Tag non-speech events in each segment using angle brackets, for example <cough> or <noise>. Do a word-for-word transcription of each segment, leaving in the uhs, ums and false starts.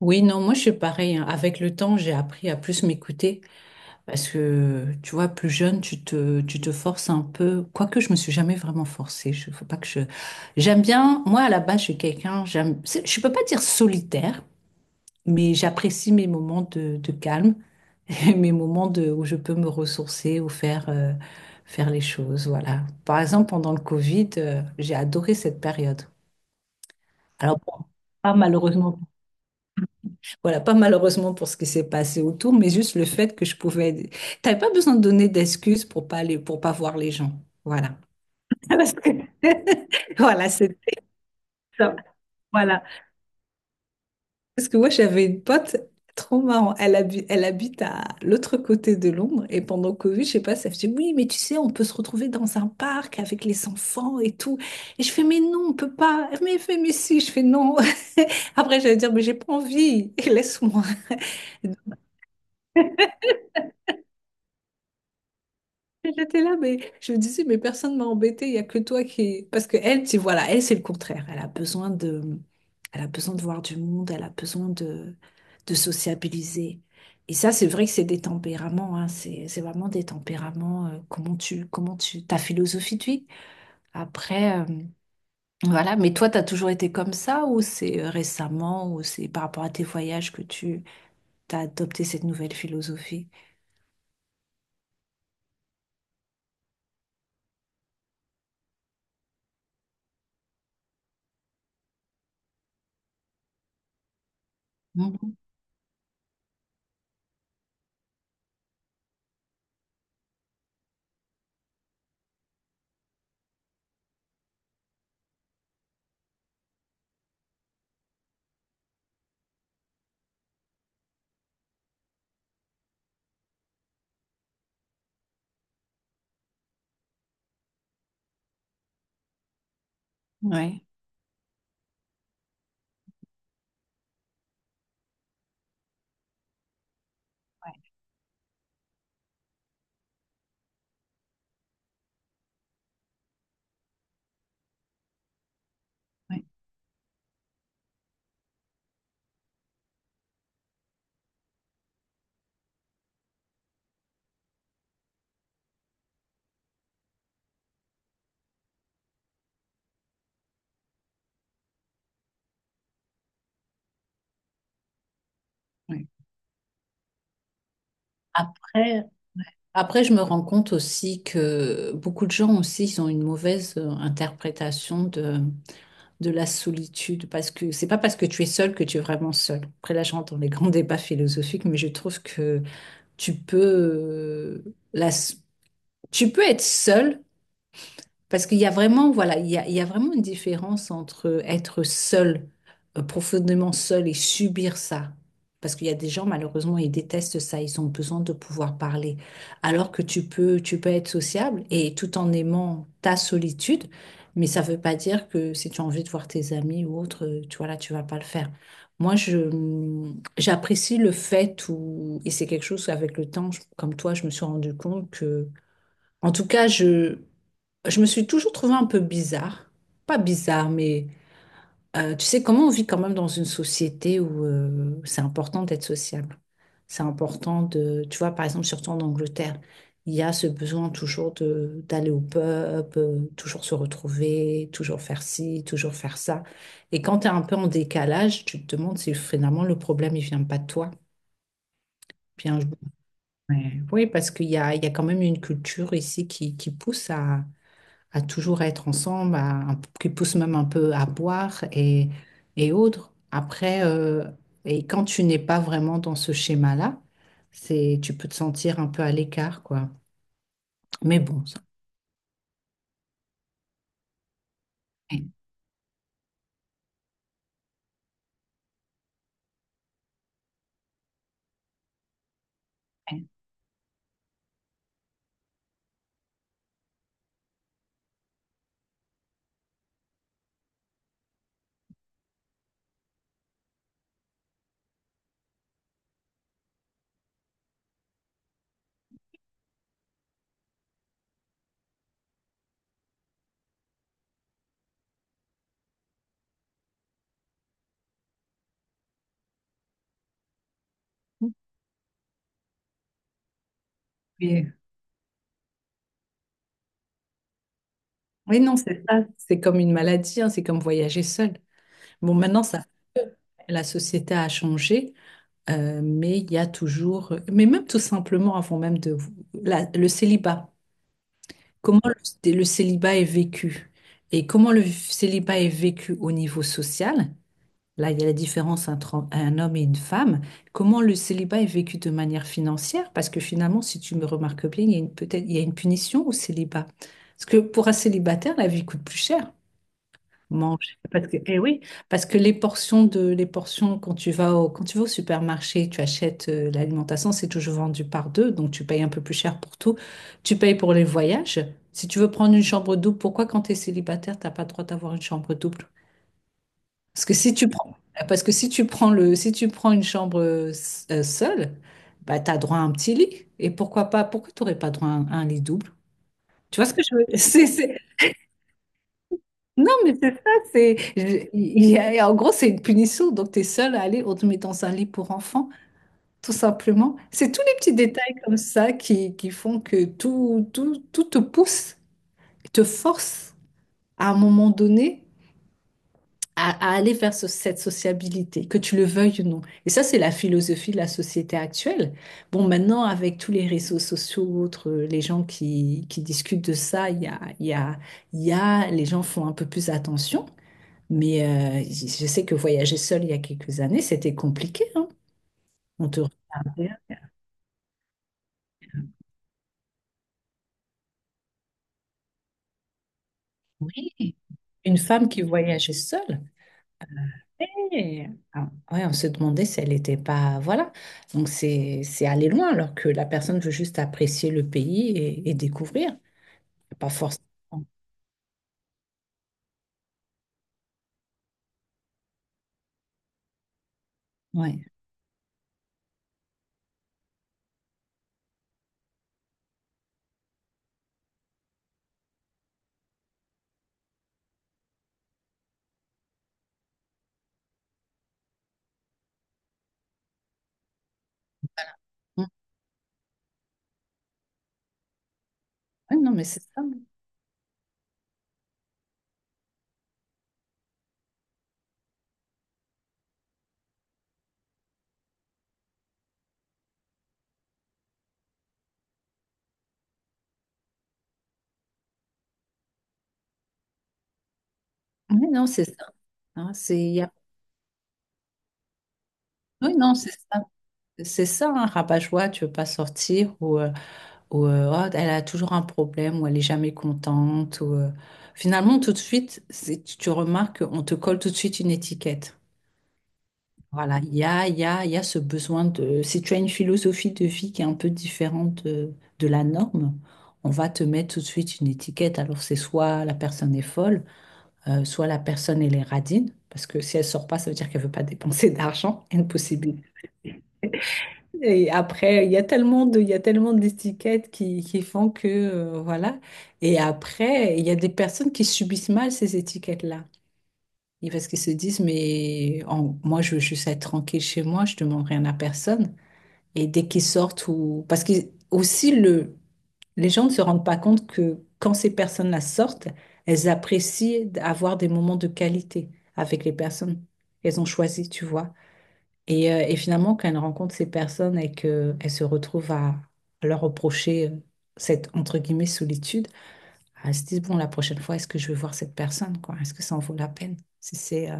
Oui, non, moi je suis pareil, hein. Avec le temps, j'ai appris à plus m'écouter parce que, tu vois, plus jeune, tu te, tu te forces un peu. Quoique, je me suis jamais vraiment forcée. Je, faut pas que je. J'aime bien. Moi, à la base, je suis quelqu'un. J'aime. c'est- Je peux pas dire solitaire, mais j'apprécie mes moments de, de calme <laughs> et mes moments de où je peux me ressourcer ou faire euh, faire les choses. Voilà. Par exemple, pendant le Covid, euh, j'ai adoré cette période. Alors, bon, pas malheureusement. Voilà, pas malheureusement pour ce qui s'est passé autour, mais juste le fait que je pouvais. T'avais pas besoin de donner d'excuses pour pas aller, pour pas voir les gens. Voilà. <laughs> Parce que- <laughs> Voilà, c'est ça. Voilà. Parce que moi, j'avais une pote trop marrant. Elle habite, elle habite à l'autre côté de Londres et pendant Covid, je sais pas, ça faisait oui, mais tu sais, on peut se retrouver dans un parc avec les enfants et tout. Et je fais mais non, on peut pas. Mais elle fait mais si, je fais non. <laughs> Après, j'allais dire mais j'ai pas envie. <laughs> Laisse-moi. J'étais là, mais je me disais, mais personne m'a embêtée, il n'y a que toi qui... Parce que elle, tu voilà, elle, c'est le contraire. Elle a besoin de... Elle a besoin de voir du monde, elle a besoin de, de sociabiliser. Et ça, c'est vrai que c'est des tempéraments, hein. C'est, c'est vraiment des tempéraments, euh, comment tu, comment tu, ta philosophie de vie. Après, euh, voilà, mais toi, tu as toujours été comme ça ou c'est euh, récemment ou c'est par rapport à tes voyages que tu as adopté cette nouvelle philosophie? Mhm. Ouais. Ouais, ouais, ouais. Après, après, je me rends compte aussi que beaucoup de gens aussi, ils ont une mauvaise euh, interprétation de, de la solitude, parce que c'est pas parce que tu es seul que tu es vraiment seul. Après, là, je rentre dans les <laughs> grands débats philosophiques, mais je trouve que tu peux, euh, la, tu peux être seul parce qu'il y a vraiment, voilà, il y a, il y a vraiment une différence entre être seul, euh, profondément seul et subir ça. Parce qu'il y a des gens, malheureusement, ils détestent ça, ils ont besoin de pouvoir parler. Alors que tu peux, tu peux être sociable et tout en aimant ta solitude, mais ça ne veut pas dire que si tu as envie de voir tes amis ou autre, euh, tu vois là, tu vas pas le faire. Moi, je, j'apprécie le fait où, et c'est quelque chose avec le temps, je- comme toi, je me suis rendu compte que, en tout cas, je, je me suis toujours trouvée un peu bizarre. Pas bizarre, mais euh, tu sais comment on vit quand même dans une société où euh, c'est important d'être sociable. C'est important de, tu vois, par exemple, surtout en Angleterre, il y a ce besoin toujours de d'aller au pub, euh, toujours se retrouver, toujours faire ci, toujours faire ça. Et quand tu es un peu en décalage, tu te demandes si finalement le problème, il vient pas de toi. Bien, je- Ouais. Oui, parce qu'il y a, il y a quand même une culture ici qui, qui pousse à à toujours être ensemble, à, un- qui poussent même un peu à boire et, et autres. Après, euh, et quand tu n'es pas vraiment dans ce schéma-là, c'est, tu peux te sentir un peu à l'écart, quoi. Mais bon, ça- oui, oui. Oui, non, c'est ça. C'est comme une maladie, hein, c'est comme voyager seul. Bon, maintenant, ça, la société a changé, euh, mais il y a toujours, mais même tout simplement avant même de la- le célibat. Comment le, le célibat est vécu? Et comment le célibat est vécu au niveau social? Là, il y a la différence entre un un homme et une femme. Comment le célibat est vécu de manière financière? Parce que finalement, si tu me remarques bien, il y a une, peut-être, il y a une punition au célibat. Parce que pour un célibataire, la vie coûte plus cher mange. Parce que, eh oui, parce que les portions de, les portions, quand tu vas au, quand tu vas au supermarché, tu achètes euh, l'alimentation, c'est toujours vendu par deux, donc tu payes un peu plus cher pour tout. Tu payes pour les voyages. Si tu veux prendre une chambre double, pourquoi quand tu es célibataire, t'as pas le droit d'avoir une chambre double? Parce que si tu prends, parce que si tu prends le, si tu prends une chambre euh, s- euh, seule, bah, tu as droit à un petit lit. Et pourquoi pas, pourquoi tu n'aurais pas droit à un, à un lit double? Tu vois ce que je veux? <laughs> C'est, c'est- Non, mais c'est ça, c'est. Je- il y a- en gros, c'est une punition, donc tu es seul à aller, on te met dans un lit pour enfants, tout simplement. C'est tous les petits détails comme ça qui, qui font que tout, tout, tout te pousse, te force à un moment donné à, à aller vers ce- cette sociabilité, que tu le veuilles ou non. Et ça, c'est la philosophie de la société actuelle. Bon, maintenant, avec tous les réseaux sociaux, autres, les gens qui, qui discutent de ça, il y a, il y a, il y a, les gens font un peu plus attention. Mais euh, je sais que voyager seule il y a quelques années, c'était compliqué, hein. On te regardait. Oui, une femme qui voyageait seule. Et, ah, ouais, on se demandait si elle n'était pas. Voilà. Donc c'est c'est aller loin alors que la personne veut juste apprécier le pays et, et découvrir. Pas forcément. Ouais. Mm. Ouais, non, mais c'est ça. Ouais, non, c'est ça. Hein, c'est, y a- Oui, non, c'est ça. C'est ça, un rabat-joie, tu veux pas sortir ou. euh, ou euh, Oh, elle a toujours un problème, ou elle est jamais contente, ou euh, finalement tout de suite, c'est- tu tu remarques qu'on te colle tout de suite une étiquette. Voilà, il y a, il y a, il y a ce besoin de... Si tu as une philosophie de vie qui est un peu différente de, de la norme, on va te mettre tout de suite une étiquette. Alors c'est soit la personne est folle, euh, soit la personne elle est radine, parce que si elle sort pas, ça veut dire qu'elle veut pas dépenser <laughs> d'argent, impossible. Et après, il y a tellement de, il y a tellement d'étiquettes qui, qui font que, euh, voilà. Et après, il y a des personnes qui subissent mal ces étiquettes-là. Et parce qu'ils se disent, mais en- moi, je veux juste être tranquille chez moi, je demande rien à personne. Et dès qu'ils sortent ou... Parce que aussi, le, les gens ne se rendent pas compte que quand ces personnes-là sortent, elles apprécient d'avoir des moments de qualité avec les personnes qu'elles ont choisies, tu vois. Et, euh, et finalement, quand elle rencontre ces personnes et qu'elle se retrouve à, à leur reprocher euh, cette, entre guillemets, solitude, elle se dit, bon, la prochaine fois, est-ce que je vais voir cette personne, quoi? Est-ce que ça en vaut la peine? Si c'est... euh,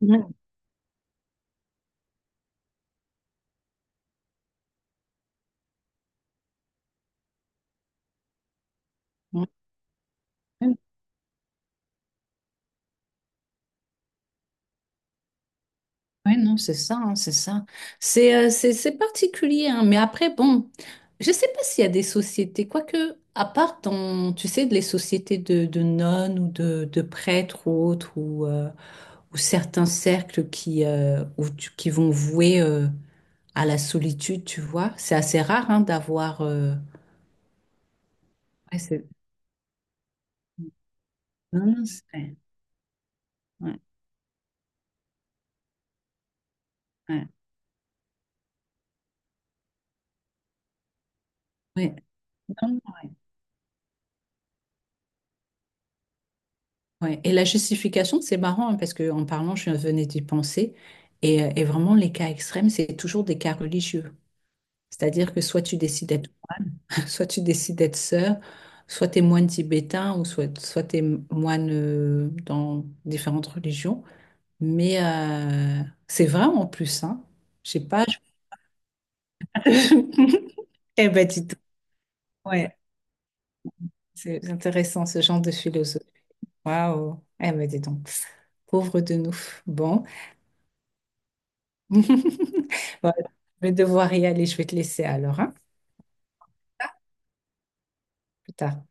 Ouais. Ouais, ouais, ouais, non, c'est ça, hein, c'est ça. C'est euh, c'est c'est particulier, hein, mais après, bon, je sais pas s'il y a des sociétés, quoique, à part dans, tu sais, les sociétés de, de nonnes ou de, de prêtres ou autres, ou euh, ou certains cercles qui, euh, où tu- qui vont vouer euh, à la solitude, tu vois. C'est assez rare hein, d'avoir. Euh, ouais, c'est- non, non, c'est- ouais, ouais, ouais, ouais, non, non, ouais. Et la justification, c'est marrant hein, parce que en parlant, je venais d'y penser. Et, euh, et vraiment, les cas extrêmes, c'est toujours des cas religieux. C'est-à-dire que soit tu décides d'être, <laughs> soit tu décides d'être sœur, soit tu es moine tibétain ou soit, soit tu es moine euh, dans différentes religions. Mais euh, c'est vrai en plus, hein. Je sais pas. Je- <laughs> Eh ben, dis donc. Ouais, c'est intéressant ce genre de philosophie. Waouh. Eh ben, dis donc. Pauvre de nous. Bon. <laughs> Voilà. Je vais devoir y aller. Je vais te laisser alors, hein, plus tard.